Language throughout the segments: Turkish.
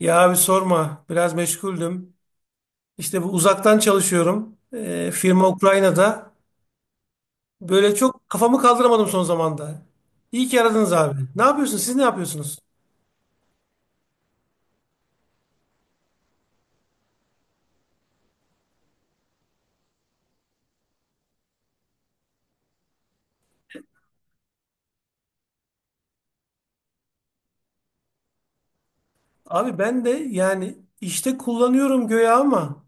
Ya abi sorma. Biraz meşguldüm. İşte bu uzaktan çalışıyorum. Firma Ukrayna'da. Böyle çok kafamı kaldıramadım son zamanda. İyi ki aradınız abi. Ne yapıyorsunuz? Siz ne yapıyorsunuz? Abi ben de yani işte kullanıyorum göğe ama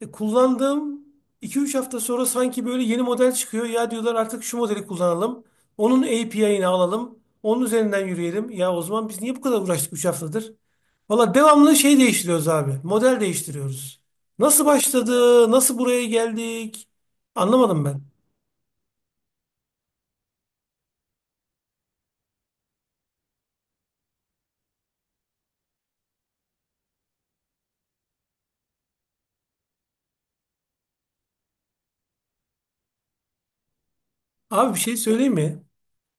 Kullandığım 2-3 hafta sonra sanki böyle yeni model çıkıyor. Ya diyorlar artık şu modeli kullanalım. Onun API'ini alalım. Onun üzerinden yürüyelim. Ya o zaman biz niye bu kadar uğraştık 3 haftadır? Valla devamlı şey değiştiriyoruz abi. Model değiştiriyoruz. Nasıl başladı? Nasıl buraya geldik? Anlamadım ben. Abi bir şey söyleyeyim mi?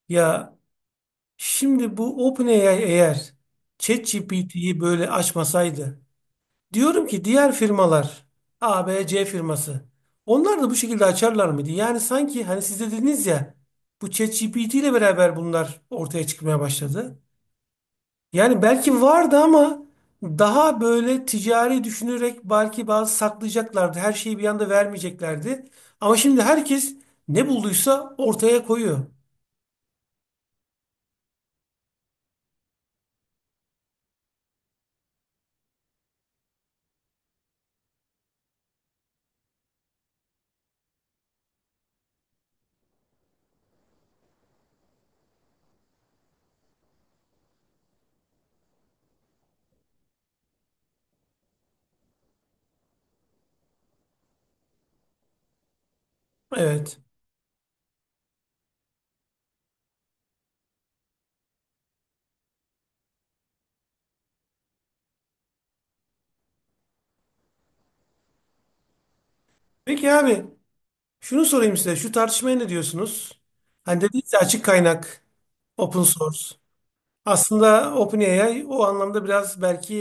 Ya şimdi bu OpenAI eğer ChatGPT'yi böyle açmasaydı. Diyorum ki diğer firmalar, A, B, C firması, onlar da bu şekilde açarlar mıydı? Yani sanki hani siz de dediniz ya, bu ChatGPT ile beraber bunlar ortaya çıkmaya başladı. Yani belki vardı ama daha böyle ticari düşünerek belki bazı saklayacaklardı. Her şeyi bir anda vermeyeceklerdi. Ama şimdi herkes ne bulduysa ortaya koyuyor. Evet. Peki abi şunu sorayım size. Şu tartışmaya ne diyorsunuz? Hani dediniz ya, açık kaynak, open source. Aslında OpenAI o anlamda biraz belki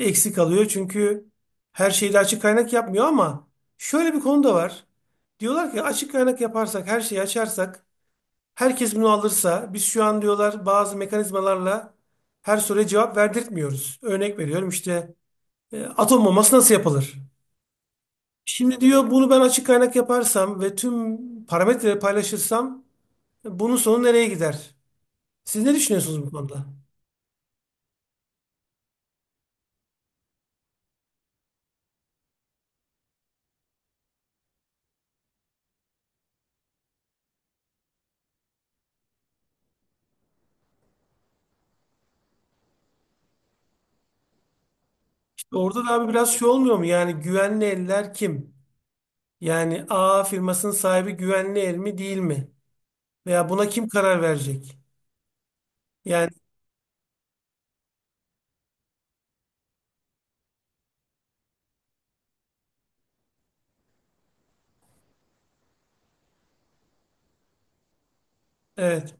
eksik kalıyor. Çünkü her şeyi de açık kaynak yapmıyor ama şöyle bir konu da var. Diyorlar ki açık kaynak yaparsak, her şeyi açarsak, herkes bunu alırsa, biz şu an diyorlar bazı mekanizmalarla her soruya cevap verdirtmiyoruz. Örnek veriyorum işte, atom bombası nasıl yapılır? Şimdi diyor bunu ben açık kaynak yaparsam ve tüm parametreleri paylaşırsam bunun sonu nereye gider? Siz ne düşünüyorsunuz bu konuda? Orada da abi biraz şey olmuyor mu? Yani güvenli eller kim? Yani A firmasının sahibi güvenli el mi değil mi? Veya buna kim karar verecek? Yani evet.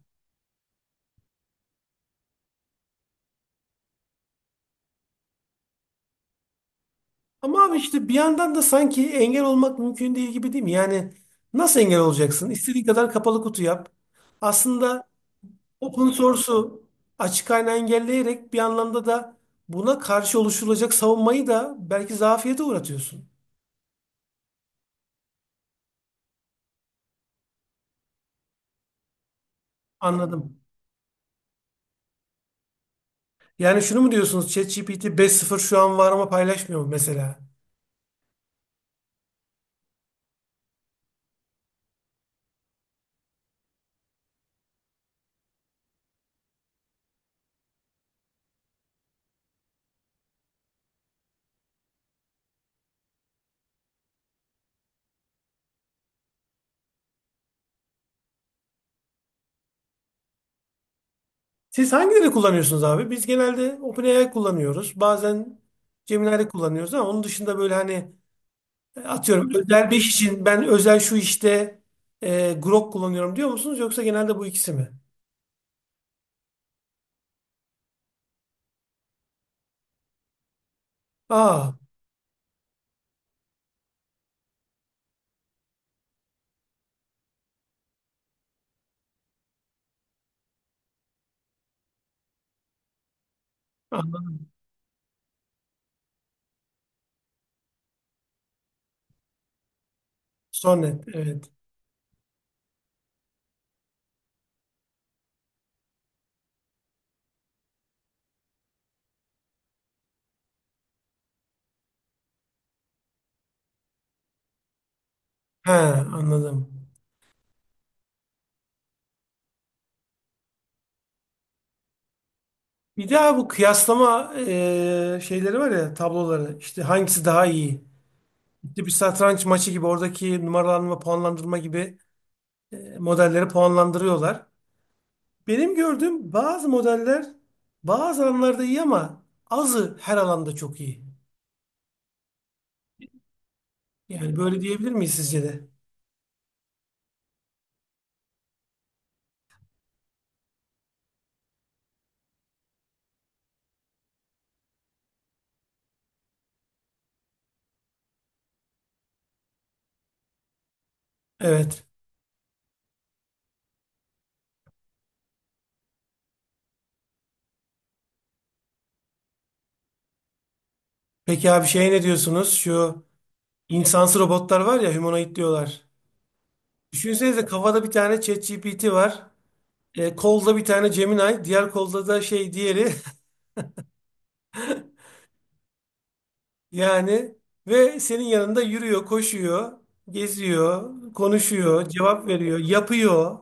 Ama abi işte bir yandan da sanki engel olmak mümkün değil gibi değil mi? Yani nasıl engel olacaksın? İstediğin kadar kapalı kutu yap. Aslında open source'u, açık kaynağı engelleyerek bir anlamda da buna karşı oluşturulacak savunmayı da belki zafiyete uğratıyorsun. Anladım. Yani şunu mu diyorsunuz? ChatGPT 5.0 şu an var ama paylaşmıyor mu mesela? Siz hangileri kullanıyorsunuz abi? Biz genelde OpenAI kullanıyoruz. Bazen Gemini'leri kullanıyoruz ama onun dışında böyle hani atıyorum özel bir iş için ben özel şu işte Grok kullanıyorum diyor musunuz? Yoksa genelde bu ikisi mi? Aa, anladım. Sonnet, evet. He, anladım. Bir daha bu kıyaslama şeyleri var ya, tabloları. İşte hangisi daha iyi? İşte bir satranç maçı gibi oradaki numaralanma, puanlandırma gibi modelleri puanlandırıyorlar. Benim gördüğüm bazı modeller bazı alanlarda iyi ama azı her alanda çok iyi. Yani böyle diyebilir miyiz sizce de? Evet. Peki abi şey, ne diyorsunuz? Şu insansı robotlar var ya, humanoid diyorlar. Düşünsenize, kafada bir tane ChatGPT var. Kolda bir tane Gemini. Diğer kolda da şey, diğeri. Yani ve senin yanında yürüyor, koşuyor, geziyor, konuşuyor, cevap veriyor, yapıyor.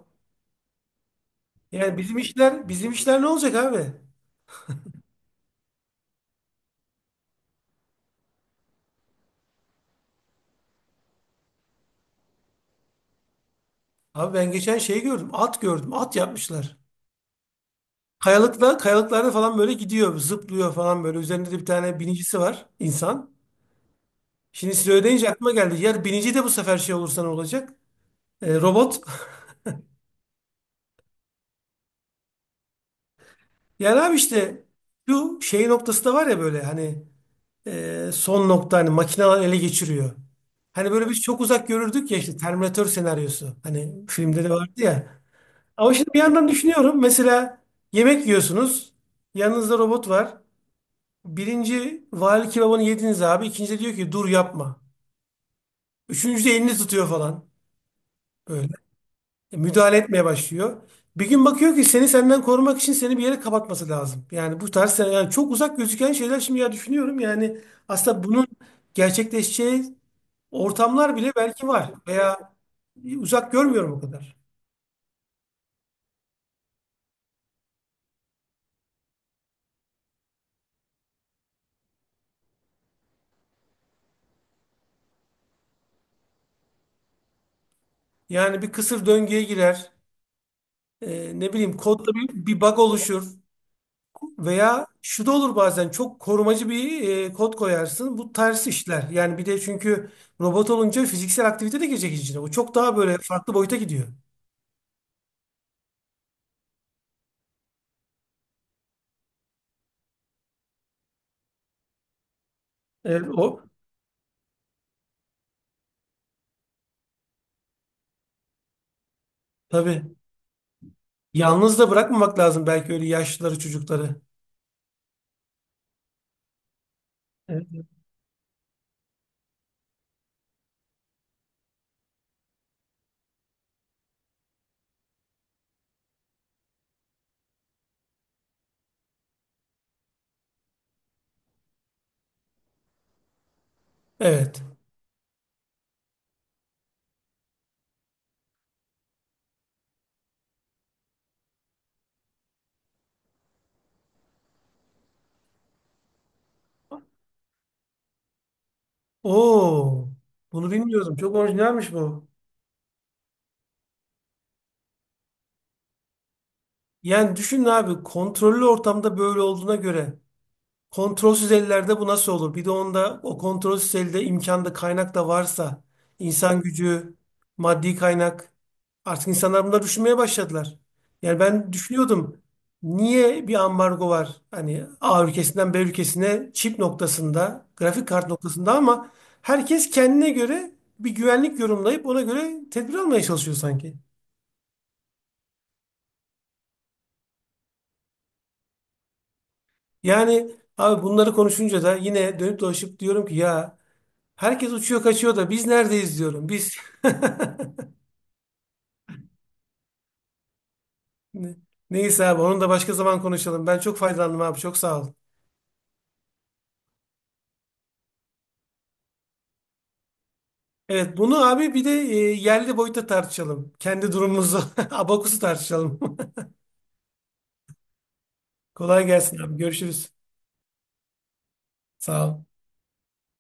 Yani bizim işler, bizim işler ne olacak abi? Abi ben geçen şey gördüm. At gördüm. At yapmışlar. Kayalıkta, kayalıklarda falan böyle gidiyor. Zıplıyor falan böyle. Üzerinde de bir tane binicisi var. İnsan. Şimdi siz öyle deyince aklıma geldi. Yer binici de bu sefer şey olursa ne olacak? Robot. Yani abi işte şu şey noktası da var ya, böyle hani son nokta, hani makineler ele geçiriyor. Hani böyle biz çok uzak görürdük ya, işte Terminator senaryosu. Hani filmde de vardı ya. Ama şimdi bir yandan düşünüyorum. Mesela yemek yiyorsunuz. Yanınızda robot var. Birinci vali kebabını yediniz abi. İkinci de diyor ki dur yapma. Üçüncü de elini tutuyor falan. Böyle. Müdahale etmeye başlıyor. Bir gün bakıyor ki seni senden korumak için seni bir yere kapatması lazım. Yani bu tarz, yani çok uzak gözüken şeyler şimdi ya düşünüyorum. Yani aslında bunun gerçekleşeceği ortamlar bile belki var. Veya uzak görmüyorum o kadar. Yani bir kısır döngüye girer. Ne bileyim, kodda bir bug oluşur. Veya şu da olur, bazen çok korumacı bir kod koyarsın. Bu ters işler. Yani bir de çünkü robot olunca fiziksel aktivite de girecek içine. O çok daha böyle farklı boyuta gidiyor. O tabii. Yalnız da bırakmamak lazım belki öyle yaşlıları, çocukları. Evet. Evet. Oo, bunu bilmiyordum. Çok orijinalmiş bu. Yani düşün abi, kontrollü ortamda böyle olduğuna göre kontrolsüz ellerde bu nasıl olur? Bir de onda o kontrolsüz elde imkanda kaynak da varsa, insan gücü, maddi kaynak, artık insanlar bunları düşünmeye başladılar. Yani ben düşünüyordum niye bir ambargo var? Hani A ülkesinden B ülkesine, çip noktasında, grafik kart noktasında, ama herkes kendine göre bir güvenlik yorumlayıp ona göre tedbir almaya çalışıyor sanki. Yani abi bunları konuşunca da yine dönüp dolaşıp diyorum ki ya, herkes uçuyor kaçıyor da biz neredeyiz diyorum. Biz. Ne- neyse abi, onu da başka zaman konuşalım. Ben çok faydalandım abi, çok sağ ol. Evet, bunu abi bir de yerli boyutta tartışalım. Kendi durumumuzu, abakusu tartışalım. Kolay gelsin abi, görüşürüz. Sağ ol.